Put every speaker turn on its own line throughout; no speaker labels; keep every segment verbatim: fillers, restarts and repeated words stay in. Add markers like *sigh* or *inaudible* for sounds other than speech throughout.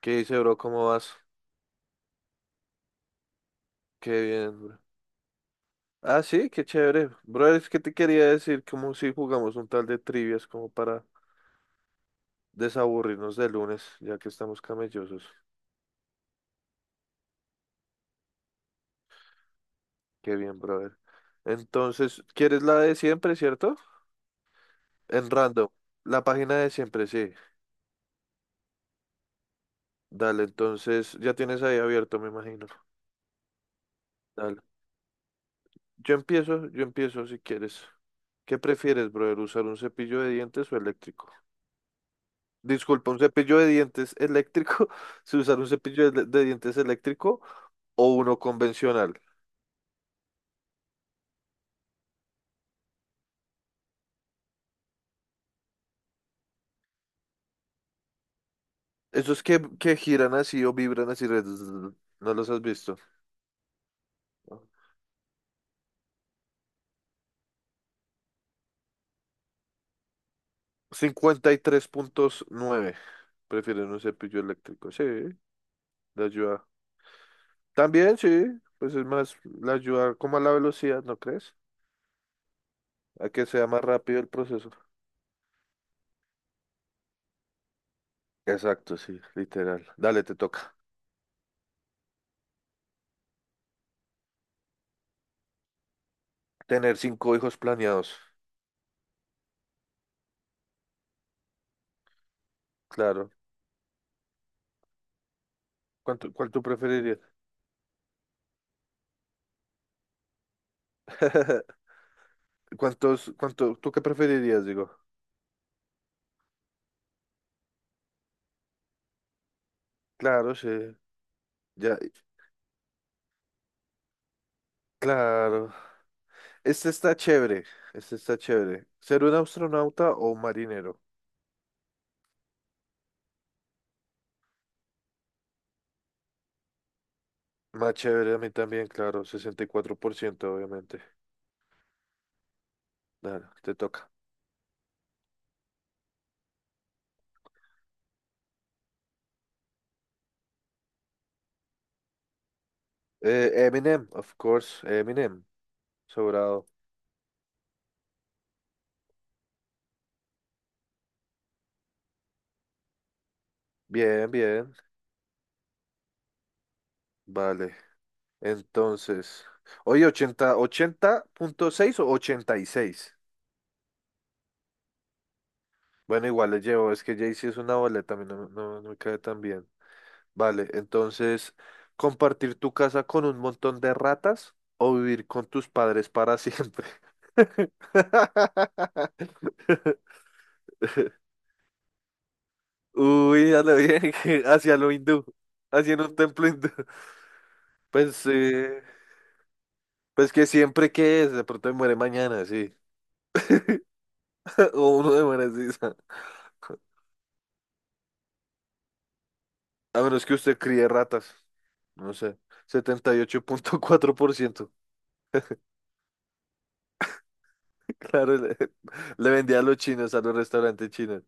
¿Qué dice, bro? ¿Cómo vas? Qué bien, bro. Ah, sí, qué chévere. Bro, es que te quería decir como si jugamos un tal de trivias como para desaburrirnos de lunes, ya que estamos camellosos. Qué bien, brother. Entonces, ¿quieres la de siempre, cierto? En random. La página de siempre, sí. Dale, entonces ya tienes ahí abierto, me imagino. Dale. Yo empiezo, yo empiezo si quieres. ¿Qué prefieres, brother? ¿Usar un cepillo de dientes o eléctrico? Disculpa, ¿un cepillo de dientes eléctrico? *laughs* ¿Se usar un cepillo de, de dientes eléctrico o uno convencional? Esos que, que giran así o vibran así, re- ¿no los has visto? Cincuenta y tres punto nueve prefieren un cepillo eléctrico. Sí, le ayuda. También sí, pues es más, le ayuda como a la velocidad, ¿no crees? A que sea más rápido el proceso. Exacto, sí, literal. Dale, te toca. Tener cinco hijos planeados. Claro. ¿Cuánto, cuál tú preferirías? *laughs* ¿Cuántos, cuánto, tú qué preferirías? Digo, claro, sí, ya, claro. Este está chévere, este está chévere. ¿Ser un astronauta o un marinero? Más chévere a mí también, claro, sesenta y cuatro por ciento obviamente. Claro, te toca. Eh, Eminem, of course, Eminem, sobrado. Bien, bien, vale. Entonces, oye, ochenta ochenta punto seis o ochenta y seis. Bueno, igual le llevo, es que Jay-Z es una boleta, a mí no, no, no me cae tan bien. Vale, entonces, ¿compartir tu casa con un montón de ratas o vivir con tus padres para siempre? *laughs* Uy, a lo bien, *laughs* hacia lo hindú, hacia un templo hindú. Pues, eh, pues que siempre que es, de pronto me muere mañana, sí. *laughs* O uno de muere así. sa- A menos que usted críe ratas, no sé. Setenta y ocho punto cuatro por ciento. *laughs* Claro, le, le vendía a los chinos, a los restaurantes chinos.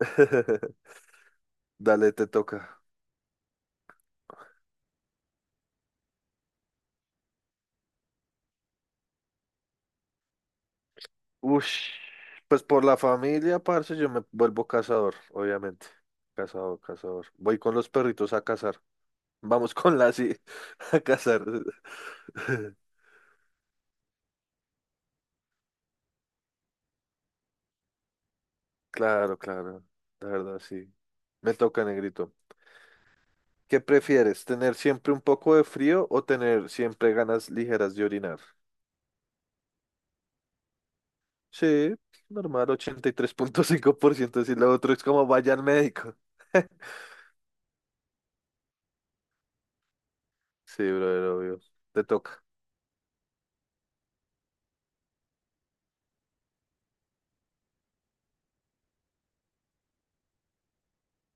*laughs* Dale, te toca. Ush, pues por la familia, parce, yo me vuelvo cazador, obviamente. Cazador, cazador. Voy con los perritos a cazar. Vamos *laughs* con la sí, *laughs* a cazar. *laughs* Claro, claro. La verdad, sí. Me toca, negrito. ¿Qué prefieres? ¿Tener siempre un poco de frío o tener siempre ganas ligeras de orinar? Sí, normal, ochenta y tres punto cinco por ciento. Si lo otro es como vaya al médico. *laughs* Sí, brother, obvio. Te toca.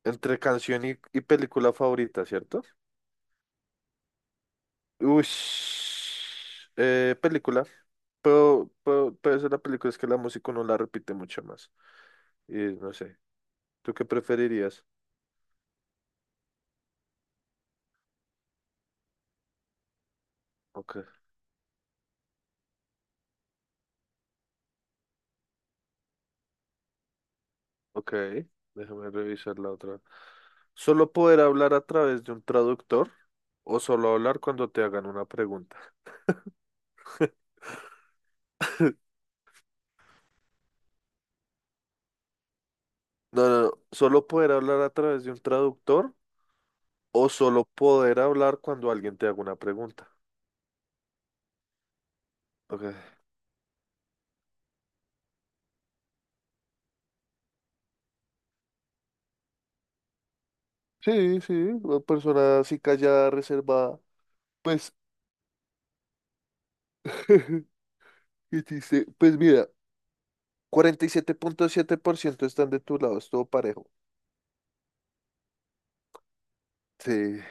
Entre canción y, y película favorita, ¿cierto? Uy, eh, película. Pero, pero, pero esa es la película, es que la música no la repite mucho más. Y no sé, ¿tú qué preferirías? Ok, ok, déjame revisar la otra. ¿Solo poder hablar a través de un traductor o solo hablar cuando te hagan una pregunta? *laughs* No, no, no, solo poder hablar a través de un traductor o solo poder hablar cuando alguien te haga una pregunta. Ok. Sí, sí, una persona así callada, reservada. Pues, *laughs* ¿qué dice? Pues mira, cuarenta y siete siete punto siete por ciento están de tu lado, es todo parejo. Sí.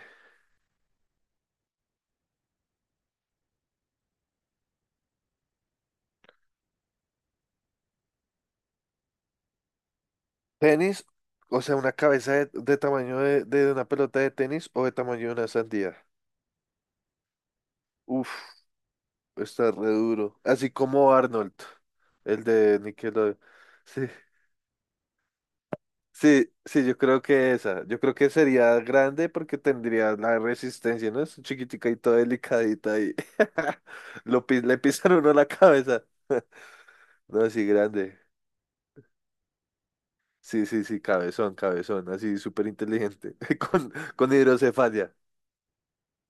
Tenis, o sea, una cabeza de, de tamaño de, de una pelota de tenis o de tamaño de una sandía. Uf, está re duro. Así como Arnold, el de Nickelodeon. Sí. Sí, sí, yo creo que esa. Yo creo que sería grande porque tendría la resistencia, ¿no? Es chiquitica y toda delicadita y *laughs* lo pi- le pisan uno la cabeza. *laughs* No, sí, grande. Sí, sí, sí, cabezón, cabezón, así súper inteligente, *laughs* con, con hidrocefalia.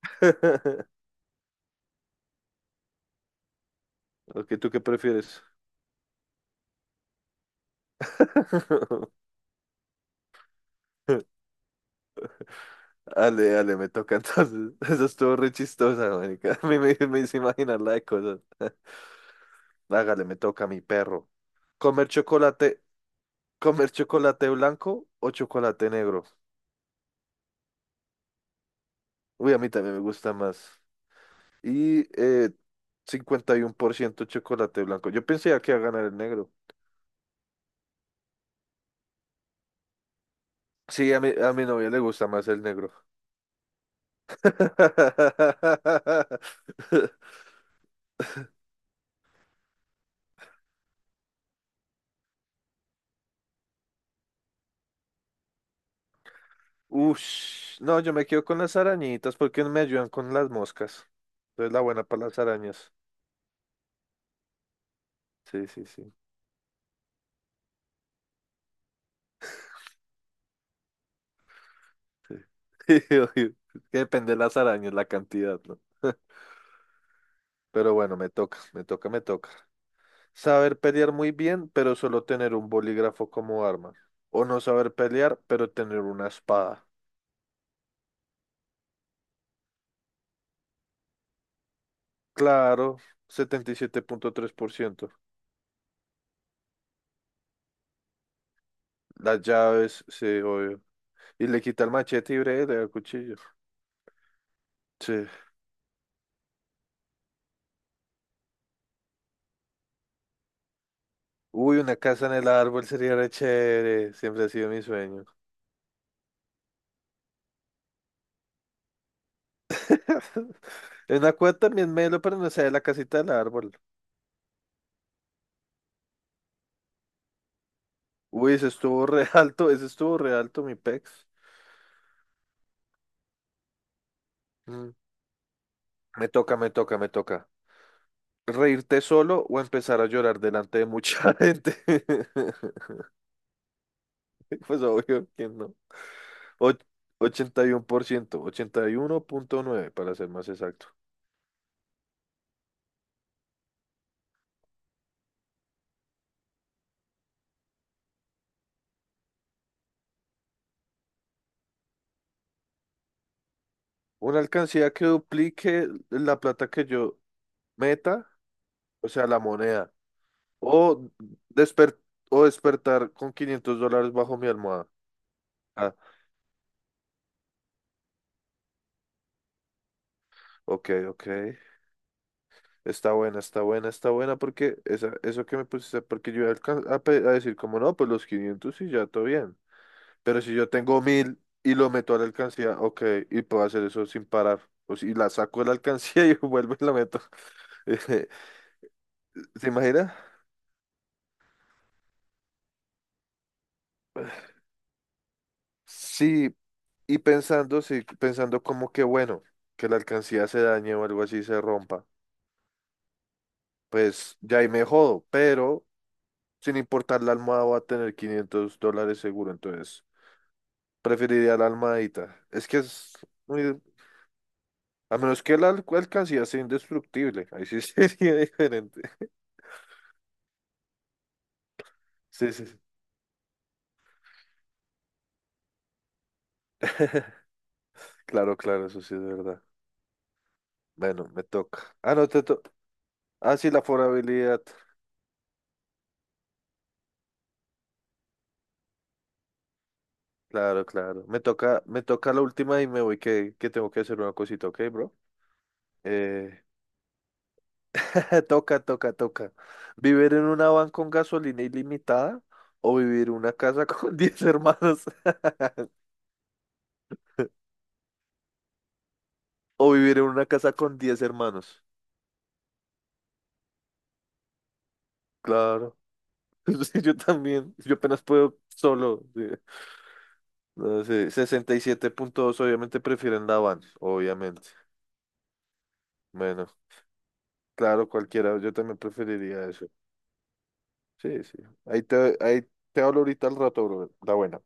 *laughs* Ok, ¿tú qué prefieres? *laughs* Ale, dale, me toca entonces. *laughs* Eso estuvo re chistosa, marica. *laughs* A mí me, me hizo imaginar la de cosas. *laughs* Hágale, me toca a mi perro. Comer chocolate ¿Comer chocolate blanco o chocolate negro? Uy, a mí también me gusta más. Y, eh, cincuenta y uno por ciento chocolate blanco. Yo pensé que iba a ganar el negro. Sí, a mi, a mi novia le gusta más el negro. *laughs* Ush, no, yo me quedo con las arañitas porque me ayudan con las moscas. Entonces la buena para las arañas. Sí, sí, sí, sí. *laughs* Obvio. Es que depende de las arañas, la cantidad, ¿no? *laughs* Pero bueno, me toca, me toca, me toca. Saber pelear muy bien, pero solo tener un bolígrafo como arma. O no saber pelear, pero tener una espada. Claro, setenta y siete punto tres por ciento. Las llaves, sí, obvio. Y le quita el machete y breve, le da el cuchillo. Sí. Uy, una casa en el árbol sería re chévere. Siempre ha sido mi sueño. *laughs* En la cueva también me lo, pero no sé, la casita del árbol. Uy, ese estuvo re *laughs* alto, ese estuvo re alto, mi pex. Mm, Me toca, me toca, me toca. ¿Reírte solo o empezar a llorar delante de mucha *laughs* gente? *laughs* Pues obvio que no. Och- Ochenta y uno por ciento, ochenta y uno punto nueve para ser más exacto. Una alcancía que duplique la plata que yo meta, o sea, la moneda. O, desper- o despertar con quinientos dólares bajo mi almohada. Ah, ok, ok. Está buena, está buena, está buena porque esa, eso que me pusiste, porque yo iba a alcan- a pe- a decir como no, pues los quinientos y ya todo bien. Pero si yo tengo mil y lo meto a la alcancía, ok, y puedo hacer eso sin parar. O si la saco de la alcancía *laughs* y vuelvo y la meto. *laughs* Eh, ¿Se imagina? Sí, y pensando, sí, pensando como que bueno, que la alcancía se dañe o algo así se rompa, pues ya ahí me jodo, pero sin importar la almohada voy a tener quinientos dólares seguro, entonces preferiría la almohadita. Es que es muy. A menos que la al- alcancía sea indestructible, ahí sí *laughs* sería diferente. Sí, sí, sí. Claro, claro, eso sí es verdad. Bueno, me toca. Ah, no, te toca. Ah, sí, la forabilidad. Claro, claro. Me toca, me toca la última y me voy que, que tengo que hacer una cosita, ¿ok, bro? Eh, *laughs* toca, toca, toca. ¿Vivir en una van con gasolina ilimitada o vivir en una casa con *laughs* diez hermanos? *laughs* O vivir en una casa con diez hermanos. Claro. *laughs* Sí, yo también. Yo apenas puedo solo, sí. No sé, sesenta y siete punto dos, obviamente prefieren la van, obviamente. Bueno. Claro, cualquiera, yo también preferiría eso. Sí, sí. Ahí te, ahí te hablo ahorita al rato, bro. La buena.